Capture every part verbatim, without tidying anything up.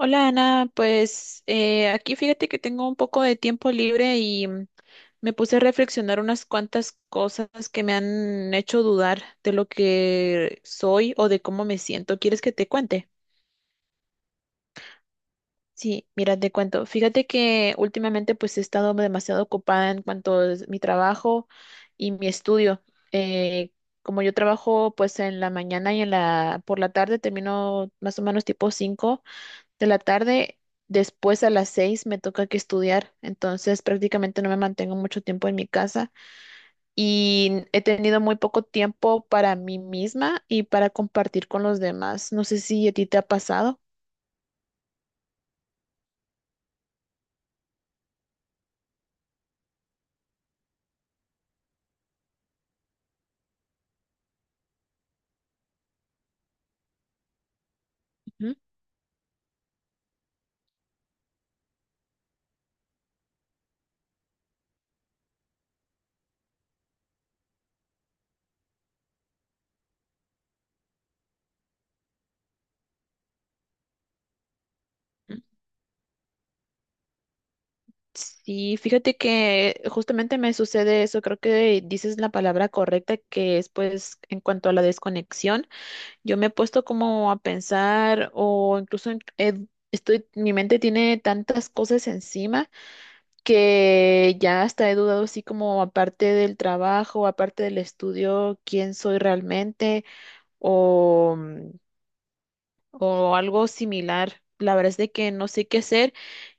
Hola Ana, pues eh, aquí fíjate que tengo un poco de tiempo libre y mm, me puse a reflexionar unas cuantas cosas que me han hecho dudar de lo que soy o de cómo me siento. ¿Quieres que te cuente? Sí, mira, te cuento. Fíjate que últimamente pues he estado demasiado ocupada en cuanto a mi trabajo y mi estudio. Eh, Como yo trabajo pues en la mañana y en la por la tarde termino más o menos tipo cinco. De la tarde, después a las seis me toca que estudiar, entonces prácticamente no me mantengo mucho tiempo en mi casa y he tenido muy poco tiempo para mí misma y para compartir con los demás. No sé si a ti te ha pasado. Ujú. Sí, fíjate que justamente me sucede eso, creo que dices la palabra correcta, que es pues en cuanto a la desconexión, yo me he puesto como a pensar o incluso en- he- estoy, mi mente tiene tantas cosas encima que ya hasta he dudado así como aparte del trabajo, aparte del estudio, quién soy realmente o, mm, o algo similar. La verdad es de que no sé qué hacer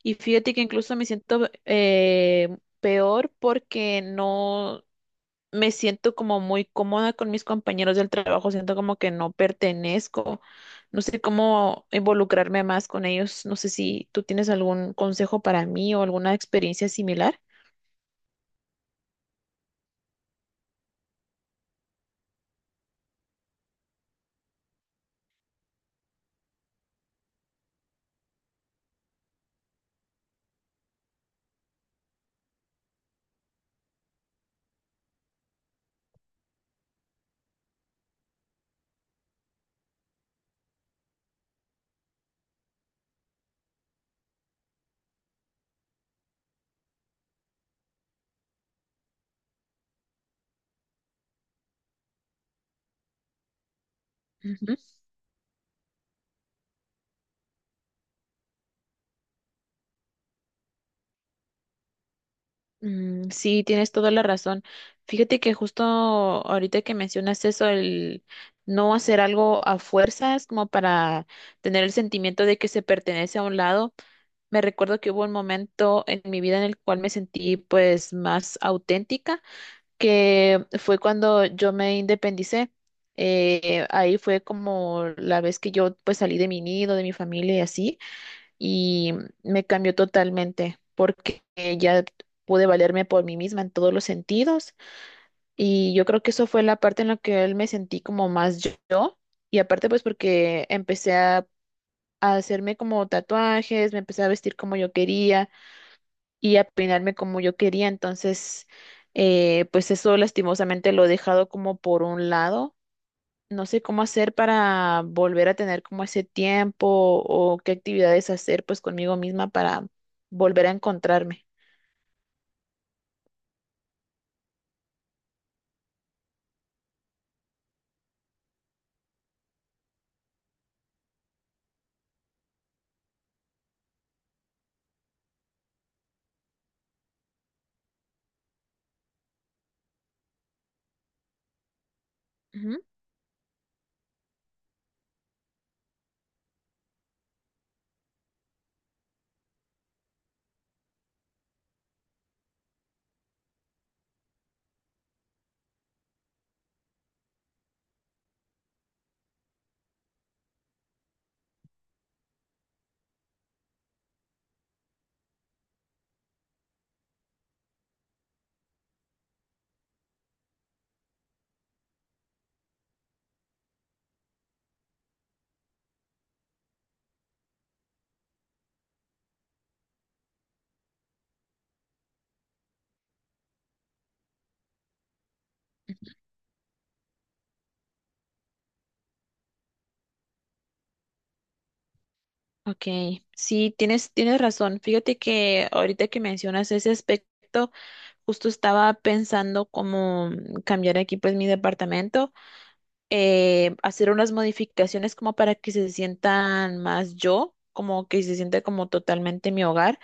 y fíjate que incluso me siento eh, peor porque no me siento como muy cómoda con mis compañeros del trabajo, siento como que no pertenezco, no sé cómo involucrarme más con ellos, no sé si tú tienes algún consejo para mí o alguna experiencia similar. Mm, sí, tienes toda la razón. Fíjate que justo ahorita que mencionas eso, el no hacer algo a fuerzas, como para tener el sentimiento de que se pertenece a un lado, me recuerdo que hubo un momento en mi vida en el cual me sentí pues más auténtica, que fue cuando yo me independicé. Eh, ahí fue como la vez que yo pues salí de mi nido, de mi familia y así y me cambió totalmente porque ya pude valerme por mí misma en todos los sentidos y yo creo que eso fue la parte en la que él me sentí como más yo y aparte pues porque empecé a, a hacerme como tatuajes, me empecé a vestir como yo quería y a peinarme como yo quería, entonces eh, pues eso lastimosamente lo he dejado como por un lado, no sé cómo hacer para volver a tener como ese tiempo o qué actividades hacer pues conmigo misma para volver a encontrarme. Ujú. Ok, sí, tienes, tienes razón. Fíjate que ahorita que mencionas ese aspecto, justo estaba pensando cómo cambiar aquí pues mi departamento, eh, hacer unas modificaciones como para que se sientan más yo, como que se sienta como totalmente mi hogar.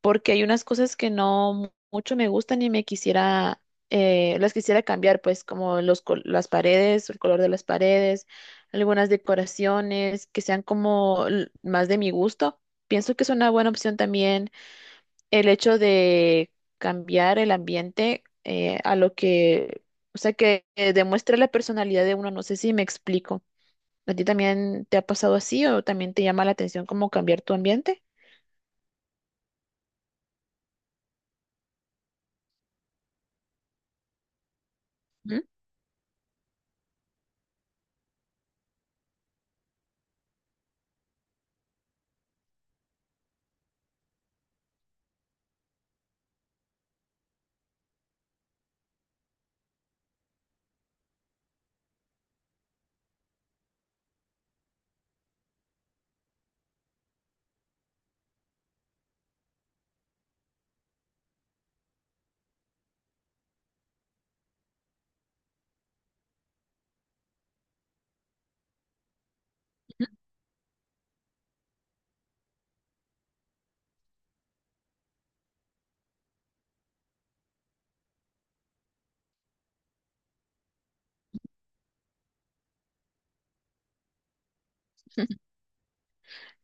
Porque hay unas cosas que no mu- mucho me gustan y me quisiera, eh, las quisiera cambiar, pues como los, col- las paredes, el color de las paredes, algunas decoraciones que sean como l- más de mi gusto. Pienso que es una buena opción también el hecho de cambiar el ambiente eh, a lo que, o sea, que eh, demuestre la personalidad de uno. No sé si me explico. ¿A ti también te ha pasado así o también te llama la atención cómo cambiar tu ambiente? ¿Mm?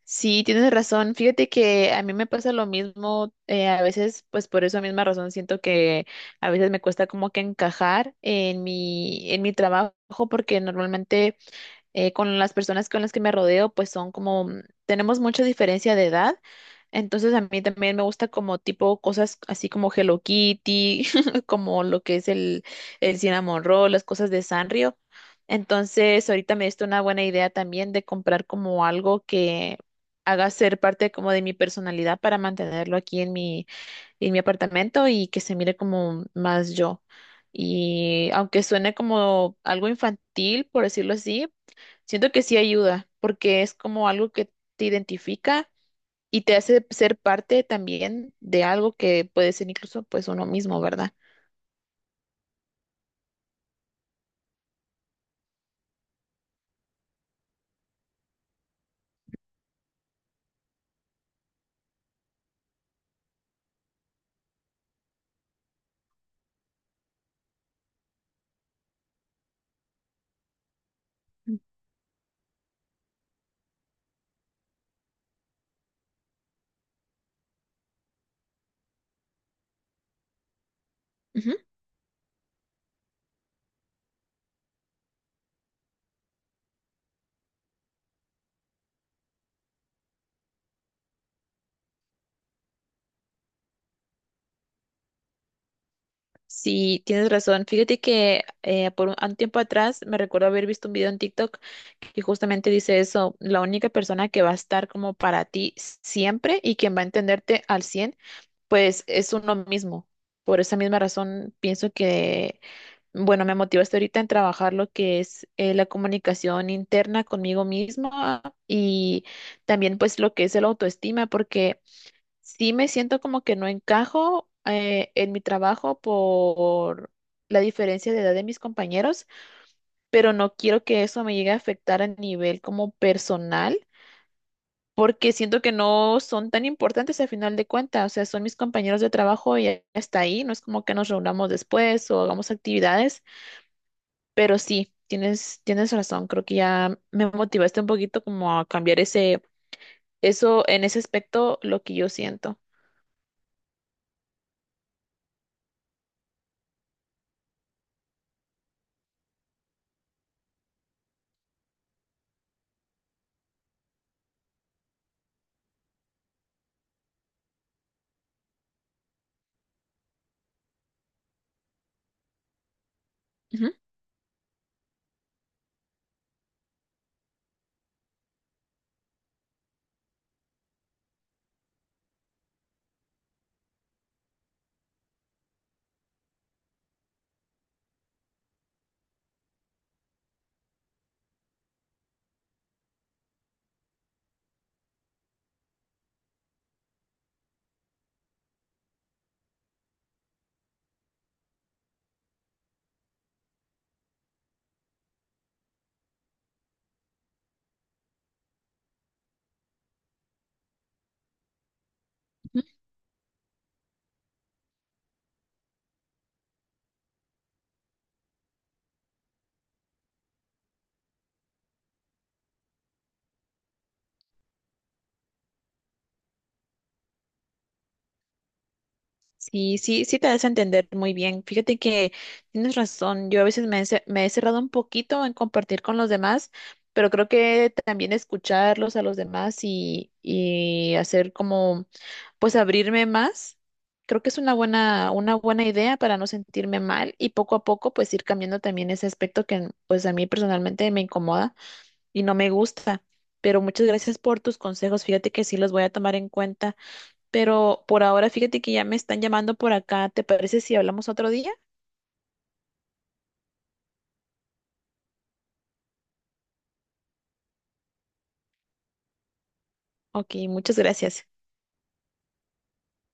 Sí, tienes razón. Fíjate que a mí me pasa lo mismo. Eh, a veces, pues por esa misma razón, siento que a veces me cuesta como que encajar en mi, en mi trabajo, porque normalmente eh, con las personas con las que me rodeo, pues son como, mm, tenemos mucha diferencia de edad, entonces a mí también me gusta como tipo cosas así como Hello Kitty, como lo que es el, el Cinnamon Roll, las cosas de Sanrio. Entonces ahorita me diste una buena idea también de comprar como algo que haga ser parte como de mi personalidad para mantenerlo aquí en mi, en mi apartamento y que se mire como más yo. Y aunque suene como algo infantil, por decirlo así, siento que sí ayuda, porque es como algo que te identifica y te hace ser parte también de algo que puede ser incluso pues uno mismo, ¿verdad? Ujú. Sí, tienes razón. Fíjate que eh, por un un tiempo atrás me recuerdo haber visto un video en TikTok que justamente dice eso, la única persona que va a estar como para ti siempre y quien va a entenderte al cien pues es uno mismo. Por esa misma razón, pienso que, bueno, me motivaste ahorita en trabajar lo que es eh, la comunicación interna conmigo misma y también pues lo que es el autoestima, porque sí me siento como que no encajo eh, en mi trabajo por la diferencia de edad de mis compañeros, pero no quiero que eso me llegue a afectar a nivel como personal porque siento que no son tan importantes al final de cuentas, o sea, son mis compañeros de trabajo y ya está ahí, no es como que nos reunamos después o hagamos actividades, pero sí, tienes, tienes razón, creo que ya me motivaste un poquito como a cambiar ese, eso en ese aspecto, lo que yo siento. Ujú. Sí, sí, sí te das a entender muy bien. Fíjate que tienes razón. Yo a veces me he, ce- me he cerrado un poquito en compartir con los demás, pero creo que también escucharlos a los demás y, y hacer como, pues abrirme más. Creo que es una buena, una buena idea para no sentirme mal y poco a poco pues ir cambiando también ese aspecto que pues a mí personalmente me incomoda y no me gusta. Pero muchas gracias por tus consejos. Fíjate que sí los voy a tomar en cuenta. Pero por ahora, fíjate que ya me están llamando por acá. ¿Te parece si hablamos otro día? Ok, muchas gracias.